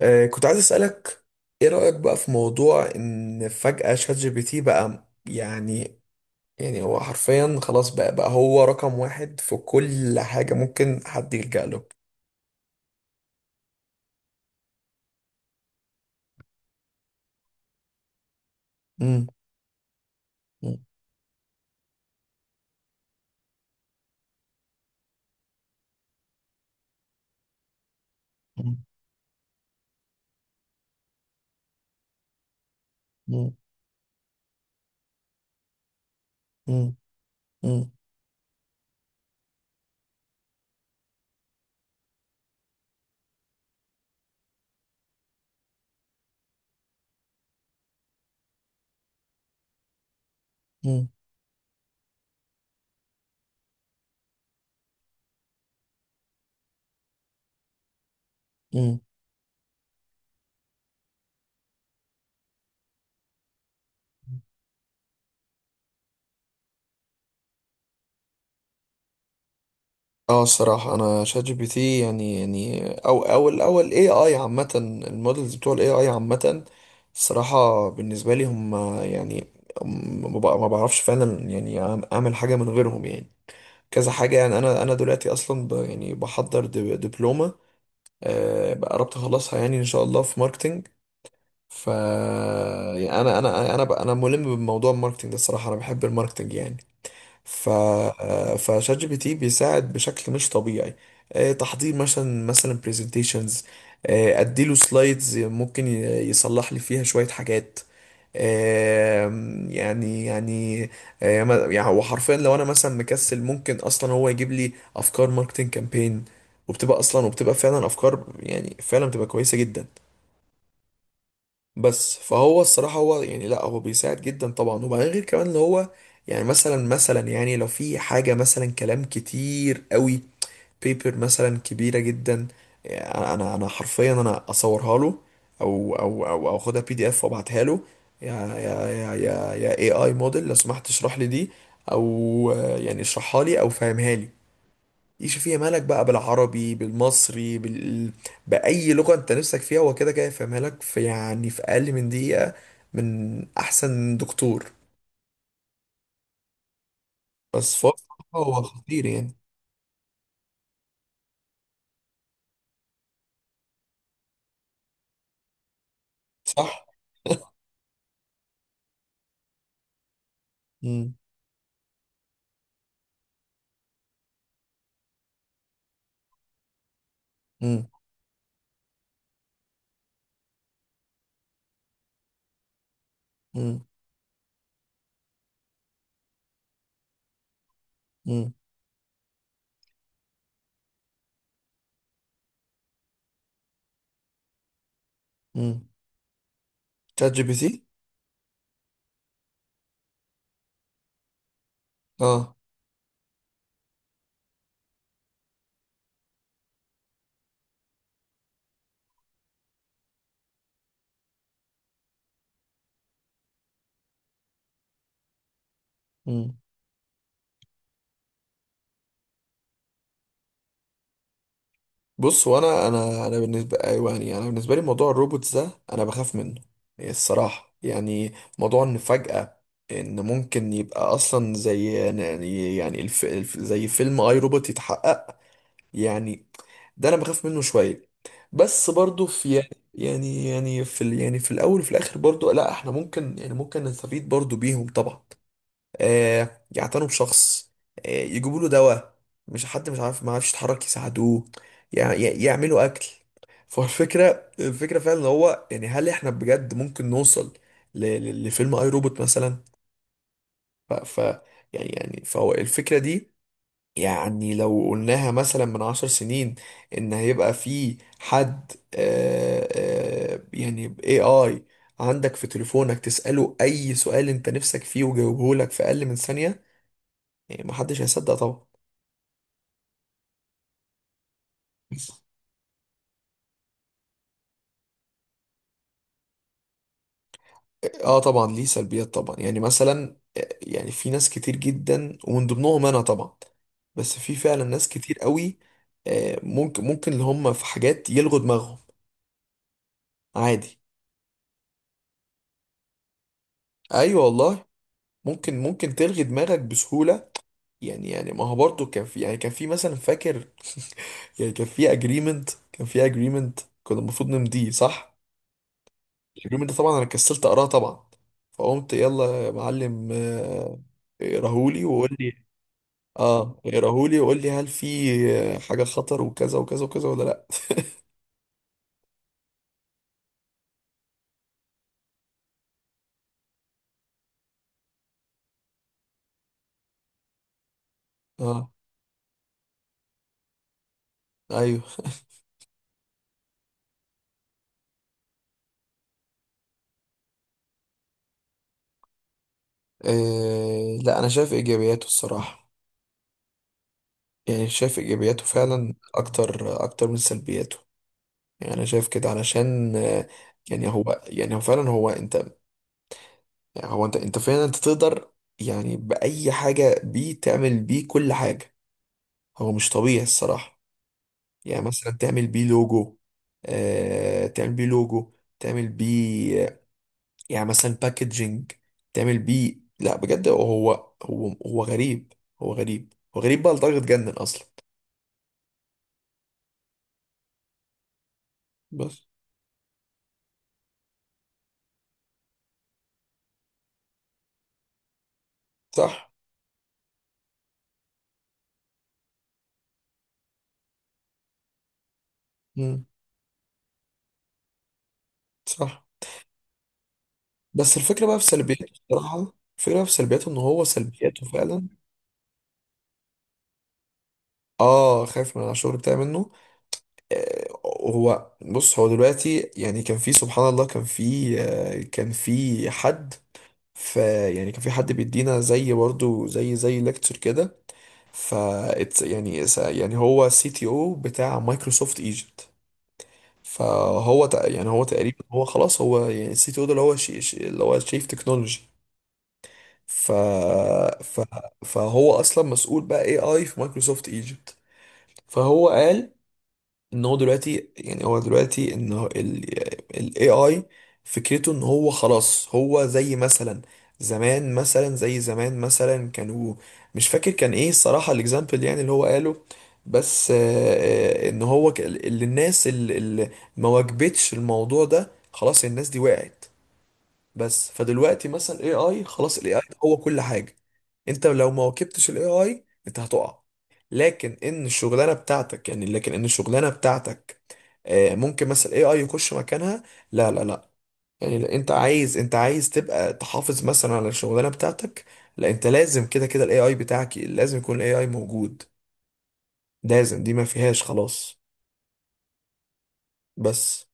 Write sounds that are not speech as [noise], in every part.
كنت عايز أسألك، إيه رأيك بقى في موضوع إن فجأة شات جي بي تي بقى يعني هو حرفيا خلاص بقى هو رقم واحد في كل حاجة ممكن حد يلجأ له. مم. مم. مم. مم. مم. مم. مم. مم. اه، الصراحة أنا شات جي بي تي يعني أو الأول اي اي عامة، المودلز بتوع الاي اي عامة. الصراحة بالنسبة لي هم، يعني ما بعرفش فعلا يعني أعمل حاجة من غيرهم يعني. كذا حاجة يعني أنا دلوقتي أصلا يعني بحضر دبلومة، بقى قربت أخلصها يعني إن شاء الله في ماركتينج. ف يعني أنا ملم بموضوع الماركتينج ده، الصراحة أنا بحب الماركتينج يعني. ف فشات جي بي تي بيساعد بشكل مش طبيعي، تحضير مثلا برزنتيشنز، اديله سلايدز، ممكن يصلح لي فيها شوية حاجات. يعني يعني هو حرفيا لو انا مثلا مكسل ممكن اصلا هو يجيب لي افكار ماركتنج كامبين، وبتبقى فعلا افكار، يعني فعلا بتبقى كويسة جدا. بس فهو الصراحة هو يعني لا، هو بيساعد جدا طبعا، وبعدين غير كمان اللي هو يعني مثلا، يعني لو في حاجة مثلا كلام كتير قوي، بيبر مثلا كبيرة جدا، يعني انا حرفيا انا اصورها له، او اخدها بي دي اف وابعتها له، يا اي اي موديل، لو سمحت اشرح لي دي، او يعني اشرحها لي او فهمها لي، يشوف فيها مالك بقى، بالعربي، بالمصري، بأي لغة انت نفسك فيها، هو كده كده يفهمها لك في يعني في أقل من دقيقة، من أحسن دكتور. بس فهو بصراحة هو خطير يعني. صح؟ [laughs] مم. مم. مم. مم. مم. شات جي بي تي؟ اه. بص، وانا انا انا بالنسبه، ايوه يعني انا بالنسبه لي موضوع الروبوتس ده انا بخاف منه، يعني الصراحه يعني، موضوع ان فجاه ان ممكن يبقى اصلا زي يعني زي فيلم اي روبوت يتحقق يعني، ده انا بخاف منه شويه. بس برضو في يعني، يعني في الاول وفي الاخر برضو، لا احنا ممكن يعني ممكن نستفيد برضو بيهم طبعا، يعتنوا بشخص، يجيبوا له دواء، مش حد مش عارف ما عارفش يتحرك يساعدوه، يعملوا اكل. [laughs] فالفكره، فعلا ان هو يعني هل احنا بجد ممكن نوصل لفيلم اي روبوت مثلا؟ ف, ف يعني فهو الفكره دي، يعني لو قلناها مثلا من 10 سنين، ان هيبقى في حد يعني اي اي عندك في تليفونك تسأله اي سؤال انت نفسك فيه وجاوبه لك في اقل من ثانية، يعني محدش هيصدق طبعا. اه طبعا، ليه سلبيات طبعا، يعني مثلا يعني في ناس كتير جدا ومن ضمنهم انا طبعا، بس في فعلا ناس كتير قوي، ممكن اللي هم في حاجات يلغوا دماغهم عادي. ايوه والله، ممكن تلغي دماغك بسهولة، يعني ما هو برضه كان في يعني كان في مثلا، فاكر [laughs] يعني كان في اجريمنت، كان في اجريمنت كنا المفروض نمضيه صح، اليوم ده طبعا انا كسلت اقراه طبعا، فقمت يلا يا معلم، اقراهولي وقول لي، اه اقراهولي وقول لي هل في حاجه خطر وكذا وكذا وكذا، ولا لا. اه. ايوه. آه لا، انا شايف ايجابياته الصراحه، يعني شايف ايجابياته فعلا اكتر اكتر من سلبياته. يعني انا شايف كده علشان يعني هو يعني هو فعلا هو انت هو انت انت فعلا انت تقدر يعني باي حاجه بيه، تعمل بيه كل حاجه، هو مش طبيعي الصراحه، يعني مثلا تعمل بيه لوجو، تعمل بيه لوجو، تعمل بيه يعني مثلا باكجينج، تعمل بيه، لا بجد هو، هو غريب، هو غريب، هو غريب بقى لدرجة جنن أصلا. بس. صح. مم. صح. بس الفكرة بقى في سلبياته، الصراحة، الفكرة بقى في سلبياته، إن هو سلبياته فعلا، اه خايف من على الشغل بتاعي منه. آه، هو بص، هو دلوقتي يعني كان في سبحان الله كان في كان في حد، كان في حد بيدينا زي برضو زي ليكتشر كده، ف يعني هو سي تي او بتاع مايكروسوفت ايجيبت، يعني هو تقريبا هو خلاص هو يعني السي تي او ده، اللي هو اللي هو شيف تكنولوجي، ف... ف... فهو اصلا مسؤول بقى اي اي في مايكروسوفت ايجيبت. فهو قال ان هو دلوقتي يعني هو دلوقتي ان هو ال ال AI، فكرته ان هو خلاص هو زي مثلا زمان، مثلا زي زمان مثلا كانوا، مش فاكر كان ايه الصراحة الاكزامبل يعني اللي هو قاله، بس ان هو اللي الناس اللي ما واجبتش الموضوع ده خلاص الناس دي وقعت. بس فدلوقتي مثلا الاي اي خلاص، الاي اي هو كل حاجه، انت لو ما واكبتش الاي اي انت هتقع. لكن ان الشغلانه بتاعتك، ممكن مثلا الاي اي يخش مكانها، لا لا لا، يعني لا، انت عايز تبقى تحافظ مثلا على الشغلانه بتاعتك، لا انت لازم كده كده الاي اي بتاعك لازم يكون الاي اي موجود، لازم، دي ما فيهاش خلاص. بس.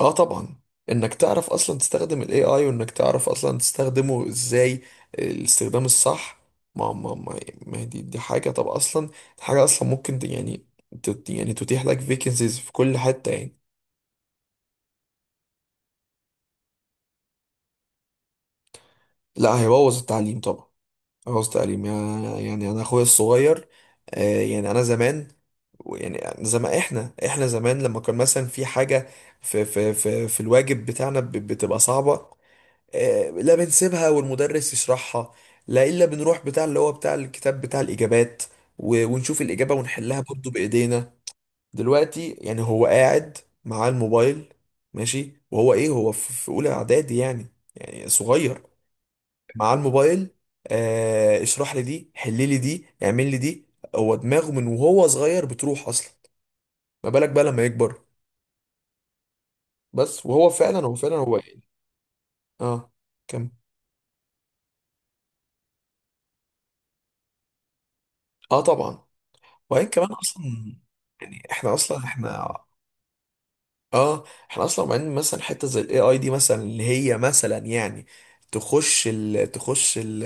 اه طبعا، انك تعرف اصلا تستخدم الاي اي، وانك تعرف اصلا تستخدمه ازاي، الاستخدام الصح، ما ما ما, ما دي حاجه طب اصلا، حاجه اصلا ممكن يعني يعني تتيح لك فيكنسيز في كل حته يعني. لا، هيبوظ التعليم طبعا، هيبوظ التعليم يعني انا اخويا الصغير، آه يعني انا زمان، يعني زمان احنا زمان لما كان مثلا في حاجه في في الواجب بتاعنا بتبقى صعبه، لا بنسيبها والمدرس يشرحها، لا الا بنروح بتاع اللي هو بتاع الكتاب بتاع الاجابات، ونشوف الاجابه ونحلها برضه بايدينا. دلوقتي يعني هو قاعد معاه الموبايل ماشي، وهو ايه، هو في اولى اعدادي يعني، يعني صغير، معاه الموبايل، آه اشرح لي دي، حل لي دي، اعمل لي دي، هو دماغه من وهو صغير بتروح اصلا، ما بالك بقى لما يكبر. بس وهو فعلا هو فعلا. اه. كم. اه طبعا، وبعدين كمان اصلا، يعني احنا اصلا احنا. اه. احنا اصلا معين مثلا حته زي الاي اي دي مثلا، اللي هي مثلا يعني تخش ال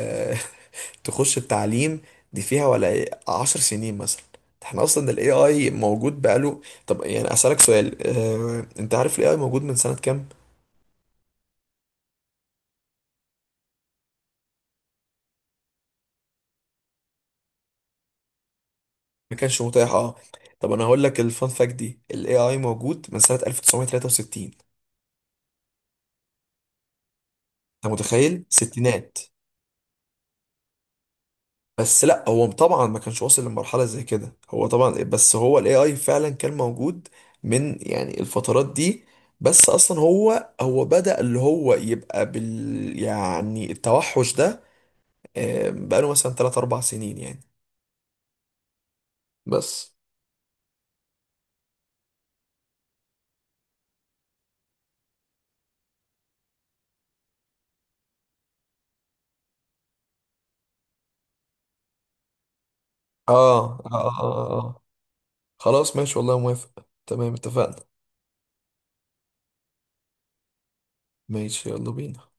[laughs] تخش التعليم، دي فيها ولا 10 سنين مثلا، احنا اصلا الاي اي موجود بقاله. طب يعني اسالك سؤال، اه انت عارف الاي اي موجود من سنه كام؟ ما كانش متاح اه. طب انا هقول لك الفان فاكت دي، الاي اي موجود من سنه 1963. انت متخيل، ستينات. بس لا هو طبعا ما كانش واصل لمرحلة زي كده هو طبعا إيه، بس هو الاي اي فعلا كان موجود من يعني الفترات دي، بس اصلا هو بدأ اللي هو يبقى بال يعني التوحش ده بقاله مثلا 3 4 سنين يعني. بس. آه آه, آه, آه, اه آه. خلاص ماشي والله موافق، تمام اتفقنا. ماشي يلا بينا.